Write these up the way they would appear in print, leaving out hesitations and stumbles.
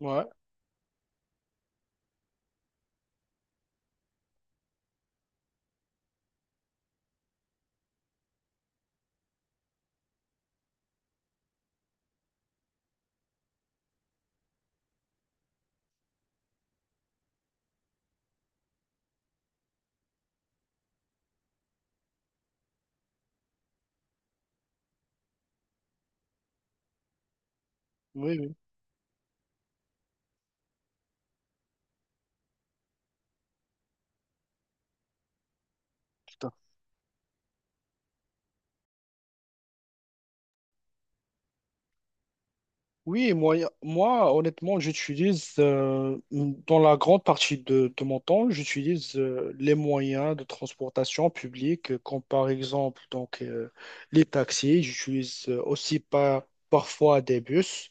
Ouais, oui, oui, tout Oui, moi honnêtement, j'utilise dans la grande partie de mon temps, j'utilise les moyens de transportation publique, comme par exemple donc, les taxis. J'utilise aussi parfois des bus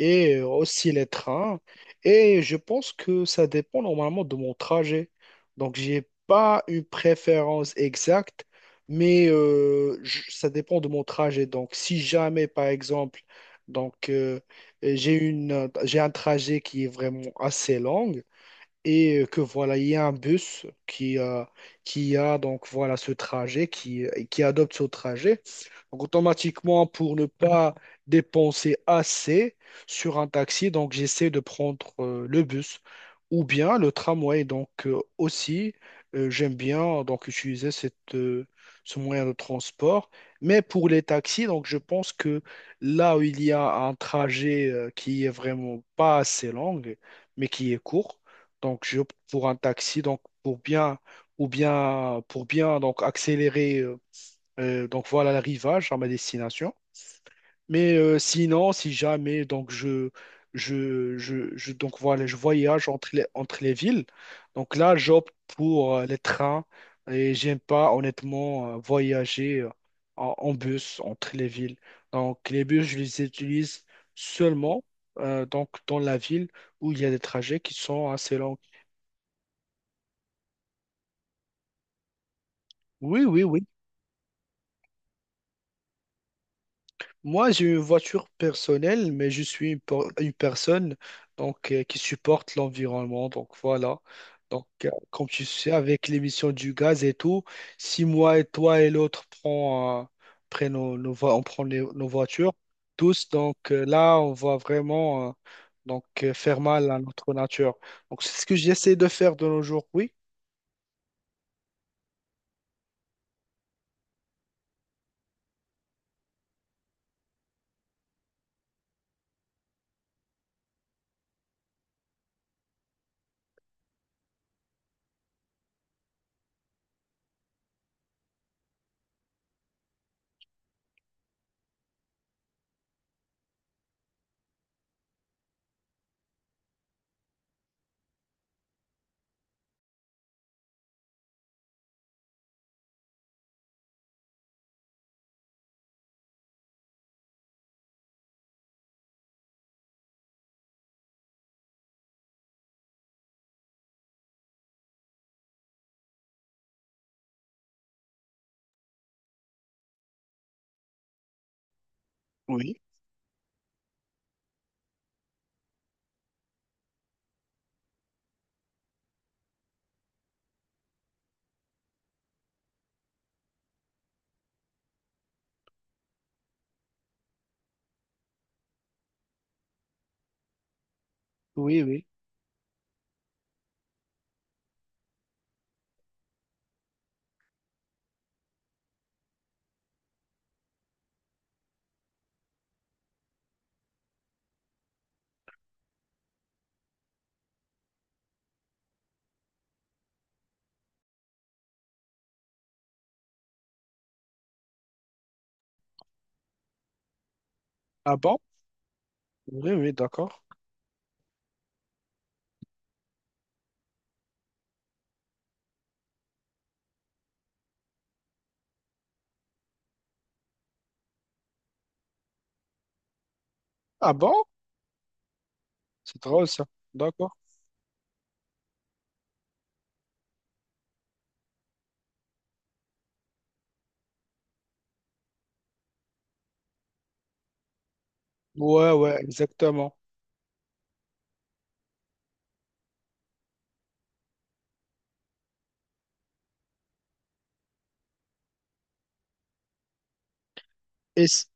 et aussi les trains. Et je pense que ça dépend normalement de mon trajet. Donc, j'ai pas une préférence exacte, mais ça dépend de mon trajet. Donc, si jamais, par exemple, donc, euh, j'ai j'ai un trajet qui est vraiment assez long et que voilà, il y a un bus qui, qui a donc voilà ce trajet, qui qui adopte ce trajet. Donc automatiquement, pour ne pas dépenser assez sur un taxi, donc j'essaie de prendre le bus ou bien le tramway. Donc aussi, j'aime bien donc utiliser ce moyen de transport. Mais pour les taxis, donc je pense que là où il y a un trajet qui est vraiment pas assez long, mais qui est court, donc j'opte pour un taxi, donc pour bien donc accélérer donc voilà l'arrivage à ma destination. Mais sinon, si jamais donc donc voilà, je voyage entre entre les villes, donc là, j'opte pour les trains et j'aime pas honnêtement voyager en bus entre les villes. Donc, les bus, je les utilise seulement donc dans la ville où il y a des trajets qui sont assez longs. Oui, oui, oui. Moi, j'ai une voiture personnelle, mais je suis une personne donc, qui supporte l'environnement. Donc voilà. Donc, comme tu sais, avec l'émission du gaz et tout, si moi et toi et l'autre prennent nos on prend nos voitures, tous, donc là, on va vraiment faire mal à notre nature. Donc c'est ce que j'essaie de faire de nos jours. Oui, oui, oui, oui. Ah bon? Oui, oui, d'accord. Ah bon? C'est drôle ça. D'accord. Ouais, ouais, exactement. Et s-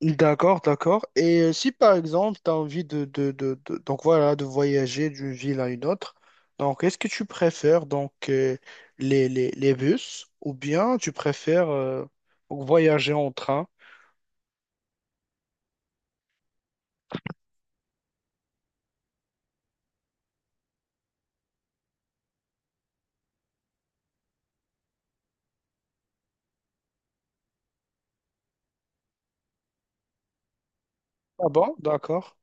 d'accord, d'accord. Et si par exemple, tu as envie donc voilà, de voyager d'une ville à une autre, donc est-ce que tu préfères donc les bus ou bien tu préfères voyager en train? Ah bon, d'accord.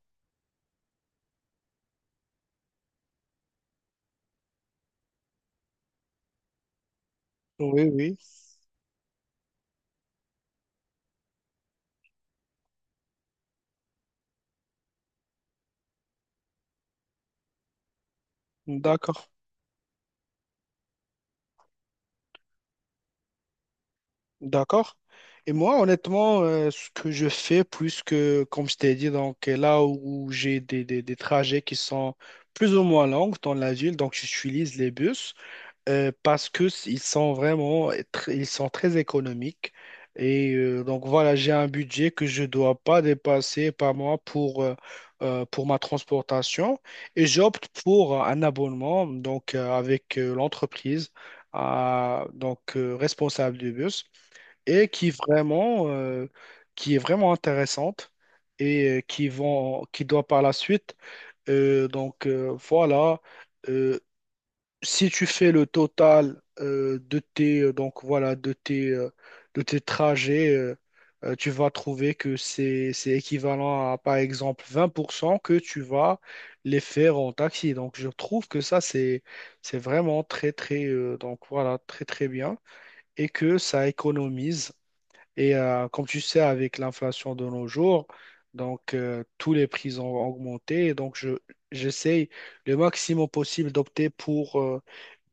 Oui, oui, d'accord, d'accord. Et moi, honnêtement, ce que je fais, puisque, comme je t'ai dit, donc là où j'ai des trajets qui sont plus ou moins longs dans la ville, donc j'utilise les bus. Parce que s- ils sont ils sont très économiques et donc voilà j'ai un budget que je dois pas dépasser par mois pour ma transportation et j'opte pour un abonnement donc avec l'entreprise responsable du bus et qui est vraiment intéressante et qui vont qui doit par la suite voilà euh, si tu fais le total de tes donc voilà de tes trajets tu vas trouver que c'est équivalent à par exemple 20% que tu vas les faire en taxi. Donc je trouve que ça c'est vraiment très très donc voilà très très bien et que ça économise. Et comme tu sais, avec l'inflation de nos jours, donc tous les prix ont augmenté. Et donc je j'essaye le maximum possible d'opter pour euh,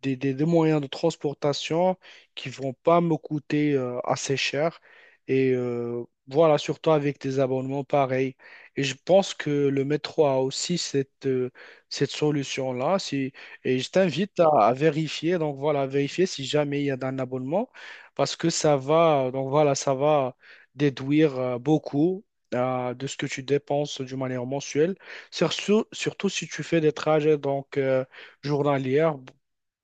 des, des- des moyens de transportation qui vont pas me coûter assez cher. Et voilà, surtout avec des abonnements pareils. Et je pense que le métro a aussi cette solution-là. Si, et je t'invite à vérifier, donc voilà, à vérifier si jamais il y a un abonnement, parce que ça va, donc voilà, ça va déduire beaucoup de ce que tu dépenses d'une manière mensuelle, surtout, surtout si tu fais des trajets donc journalières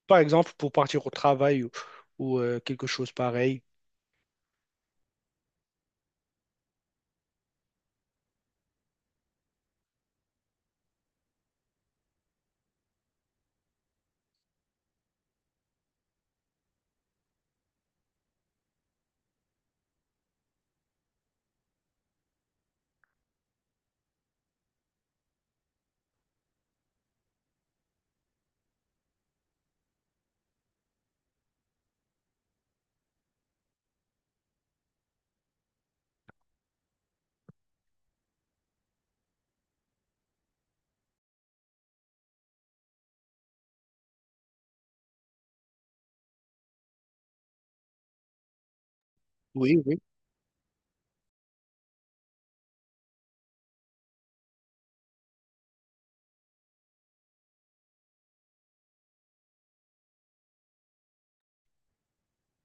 par exemple, pour partir au travail ou quelque chose pareil. Oui, oui,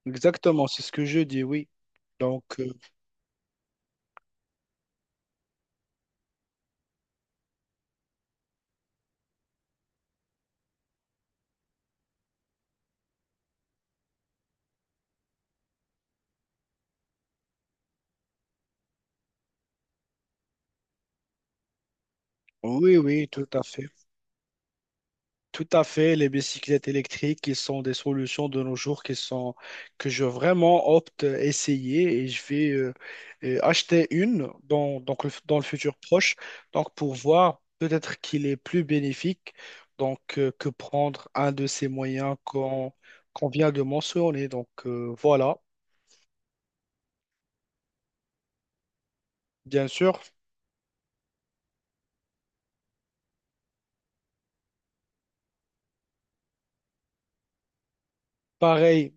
exactement, c'est ce que je dis, oui. Donc, oui, oui, tout à fait. Tout à fait, les bicyclettes électriques, qui sont des solutions de nos jours qui sont, que je vraiment opte à essayer, et je vais acheter une donc dans le futur proche, donc pour voir peut-être qu'il est plus bénéfique donc, que prendre un de ces moyens qu'on vient de mentionner. Donc, voilà, bien sûr. Pareil,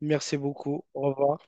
merci beaucoup. Au revoir.